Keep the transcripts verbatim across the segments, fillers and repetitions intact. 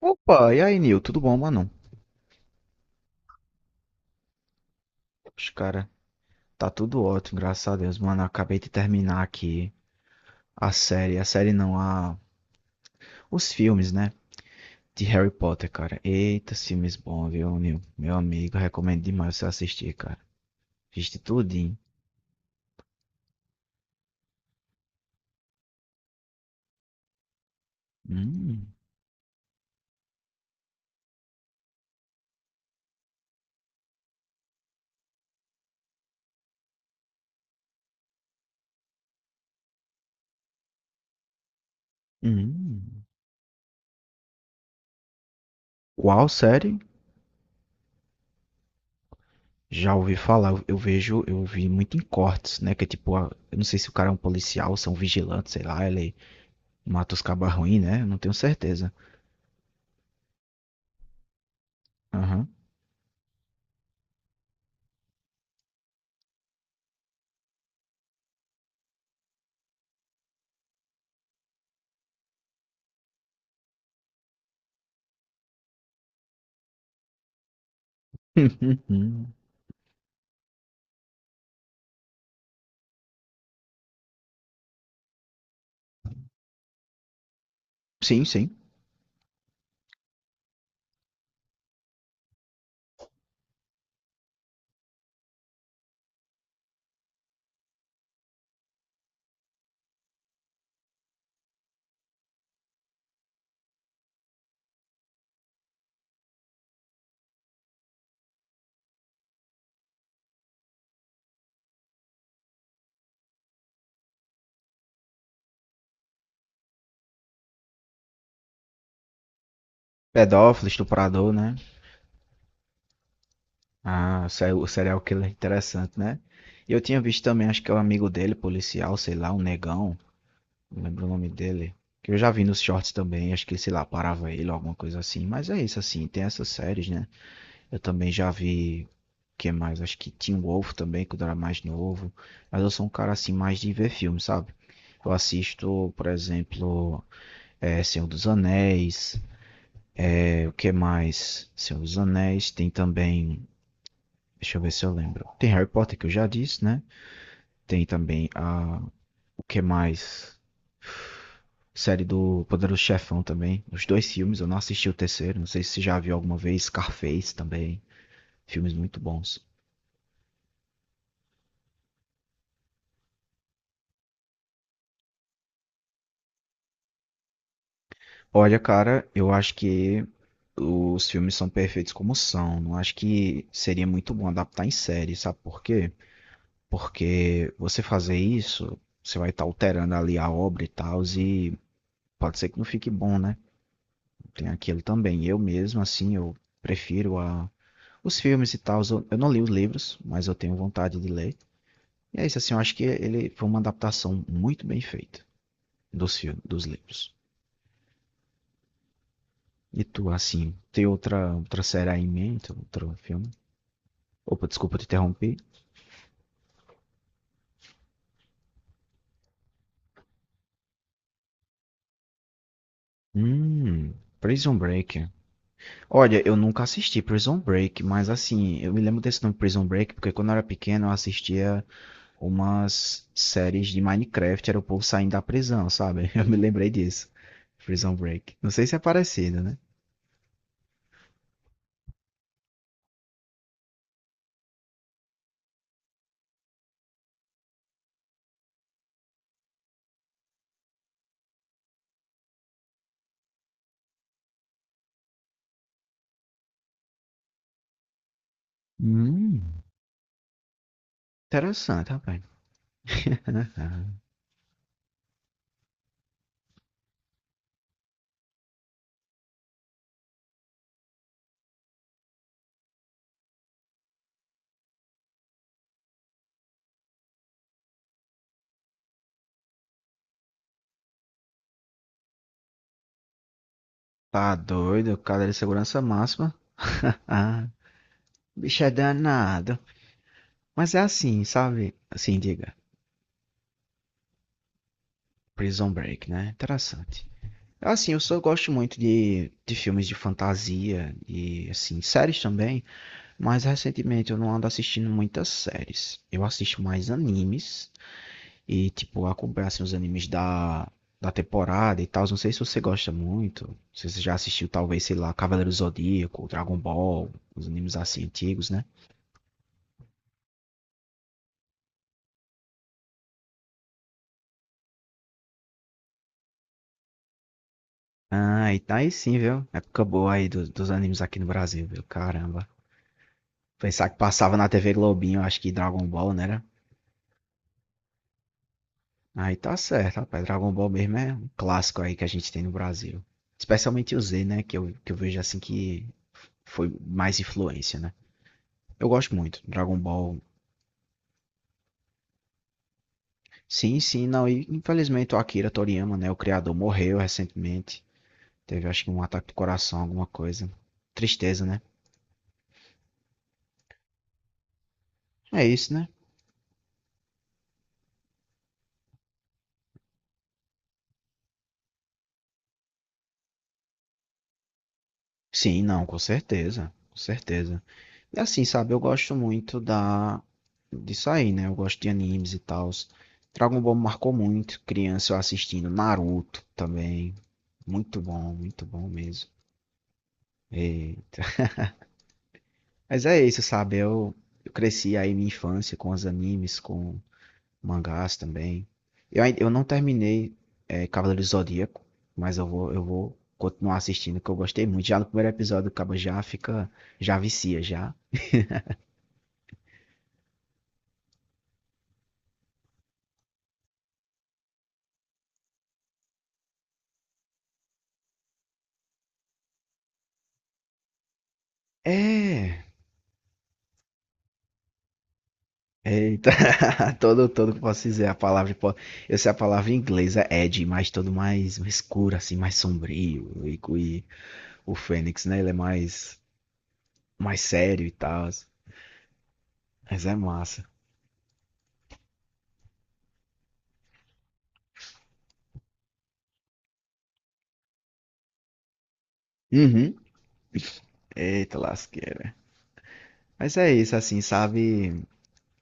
Opa, e aí, Nil? Tudo bom, mano? Os cara, tá tudo ótimo, graças a Deus, mano. Acabei de terminar aqui a série, a série não, a... os filmes, né? De Harry Potter, cara. Eita, filmes bons, viu, Nil? Meu amigo, recomendo demais você assistir, cara. Viste tudinho. Hum, hum. Qual série? Já ouvi falar, eu eu vejo, eu vi muito em cortes, né? Que é tipo, a- eu não sei se o cara é um policial, se é um vigilante, sei lá, ele mata os cabarruins, né? Eu não tenho certeza. Aham. Sim, sim. Pedófilo, estuprador, né? Ah, se- o serial killer interessante, né? E eu tinha visto também, acho que é o amigo dele, policial, sei lá, um negão, não lembro o nome dele. Que eu já vi nos shorts também, acho que, sei lá, parava ele, alguma coisa assim. Mas é isso, assim, tem essas séries, né? Eu também já vi, que mais? Acho que Teen Wolf também, quando eu era mais novo. Mas eu sou um cara, assim, mais de ver filme, sabe? Eu assisto, por exemplo, é, Senhor dos Anéis, é, o que mais? Senhor dos Anéis, tem também... Deixa eu ver se eu lembro. Tem Harry Potter, que eu já disse, né? Tem também a. O que mais? Série do Poderoso Chefão também. Os dois filmes, eu não assisti o terceiro. Não sei se você já viu alguma vez. Scarface também. Filmes muito bons. Olha, cara, eu acho que os filmes são perfeitos como são. Não acho que seria muito bom adaptar em série, sabe por quê? Porque você fazer isso, você vai estar alterando ali a obra e tal, e pode ser que não fique bom, né? Tem aquilo também. Eu mesmo, assim, eu prefiro a, os filmes e tal. Eu, eu não li os livros, mas eu tenho vontade de ler. E é isso, assim, eu acho que ele foi uma adaptação muito bem feita dos filmes, dos livros. E tu, assim, tem outra, outra série aí em mente, outro filme? Opa, desculpa te interromper. Hum, Prison Break. Olha, eu nunca assisti Prison Break, mas assim, eu me lembro desse nome Prison Break, porque quando eu era pequeno eu assistia umas séries de Minecraft, era o povo saindo da prisão, sabe? Eu me lembrei disso. Prison Break. Não sei se é parecido, né? Hum, interessante, rapaz. Tá doido, cadeira de segurança máxima. Bicho é danado. Mas é assim, sabe? Assim, diga. Prison Break, né? Interessante. Assim, eu só gosto muito de, de filmes de fantasia e, assim, séries também. Mas recentemente eu não ando assistindo muitas séries. Eu assisto mais animes e, tipo, acompanho assim, os animes da, da temporada e tal. Não sei se você gosta muito. Não sei se você já assistiu, talvez, sei lá, Cavaleiro do Zodíaco, Dragon Ball, os animes assim antigos, né? Ah, e tá aí sim, viu? Época boa aí do- dos animes aqui no Brasil, viu? Caramba. Pensar que passava na T V Globinho, acho que Dragon Ball, né? Aí tá certo, rapaz. Dragon Ball mesmo é um clássico aí que a gente tem no Brasil. Especialmente o Z, né? Que eu, que eu vejo assim que foi mais influência, né? Eu gosto muito. Dragon Ball. Sim, sim, não. E infelizmente o Akira Toriyama, né? O criador morreu recentemente. Teve acho que um ataque do coração, alguma coisa. Tristeza, né? É isso, né? Sim, não, com certeza, com certeza. E assim, sabe, eu gosto muito da disso aí, né? Eu gosto de animes e tal. Dragon Ball me marcou muito, criança eu assistindo Naruto também, muito bom, muito bom mesmo. E- Mas é isso, sabe? Eu, eu cresci aí minha infância com os animes, com mangás também. Eu, ainda- eu não terminei é, Cavaleiro do Zodíaco, mas eu vou, eu vou continuar assistindo, que eu gostei muito. Já no primeiro episódio, o cabo já fica, já vicia, já. É. Eita, todo, todo, que posso dizer a palavra, po- eu sei a palavra inglesa, inglês é Ed, mas todo mais escuro, assim, mais sombrio, e, co- e o Fênix, né, ele é mais, mais sério e tal, mas é massa. Uhum. Eita, lasqueira. Mas é isso, assim, sabe,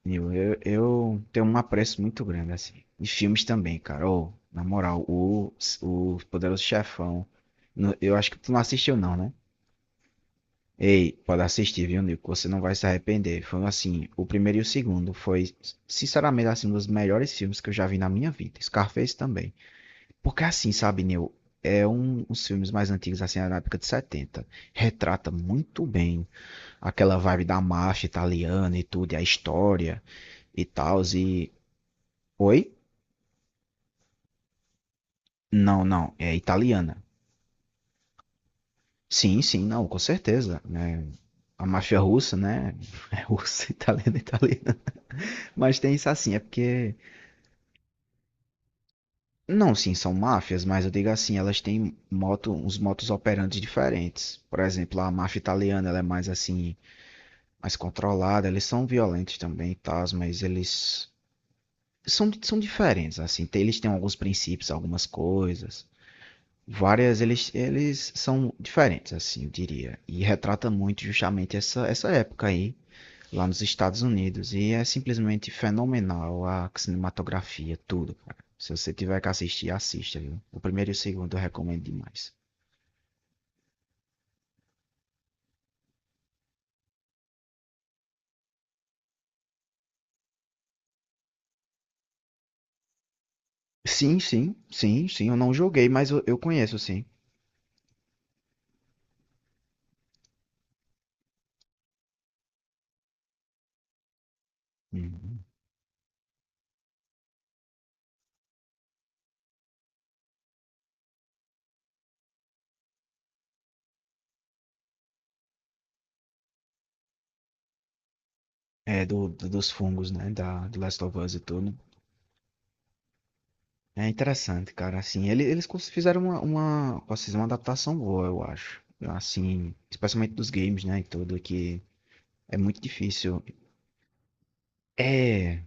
Nil, eu, eu tenho um apreço muito grande, assim, e filmes também, cara, ô, na moral, o, o Poderoso Chefão, no- eu acho que tu não assistiu não, né? Ei, pode assistir, viu, Nico? Você não vai se arrepender. Foi assim, o primeiro e o segundo foi, sinceramente, assim, um dos melhores filmes que eu já vi na minha vida. Scarface também. Porque assim, sabe, Neil? É um dos filmes mais antigos, assim, na época de setenta. Retrata muito bem aquela vibe da máfia italiana e tudo, e a história e tal. E. Oi? Não, não, é italiana. Sim, sim, não, com certeza. Né? A máfia russa, né? É russa, italiana, italiana. Mas tem isso assim, é porque não, sim, são máfias, mas eu digo assim, elas têm moto, uns motos operantes diferentes. Por exemplo, a máfia italiana, ela é mais assim, mais controlada, eles são violentos também, tá? Mas eles são, são diferentes, assim, tem- eles têm alguns princípios, algumas coisas. Várias, eles, eles são diferentes, assim, eu diria. E retrata muito justamente essa, essa época aí lá nos Estados Unidos. E é simplesmente fenomenal a cinematografia, tudo, cara. Se você tiver que assistir, assista, viu? O primeiro e o segundo eu recomendo demais. Sim, sim, sim, sim. Eu não joguei, mas eu, eu conheço, sim. Uhum. É, do, do- dos fungos, né? Da, do Last of Us e tudo. É interessante, cara. Assim, ele- eles cons- fizeram uma, uma, posso dizer, uma adaptação boa, eu acho. Assim, especialmente dos games, né? E tudo, que é muito difícil. É,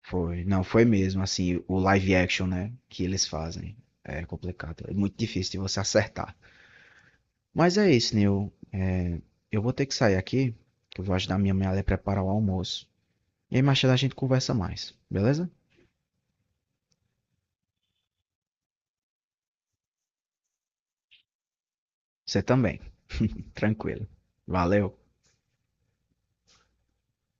foi, não, foi mesmo, assim, o live action, né, que eles fazem. É complicado, é muito difícil de você acertar. Mas é isso, Neil. É, eu vou ter que sair aqui, que eu vou ajudar minha mãe a preparar o almoço. E aí mais tarde a gente conversa mais, beleza? Você também. Tranquilo. Valeu.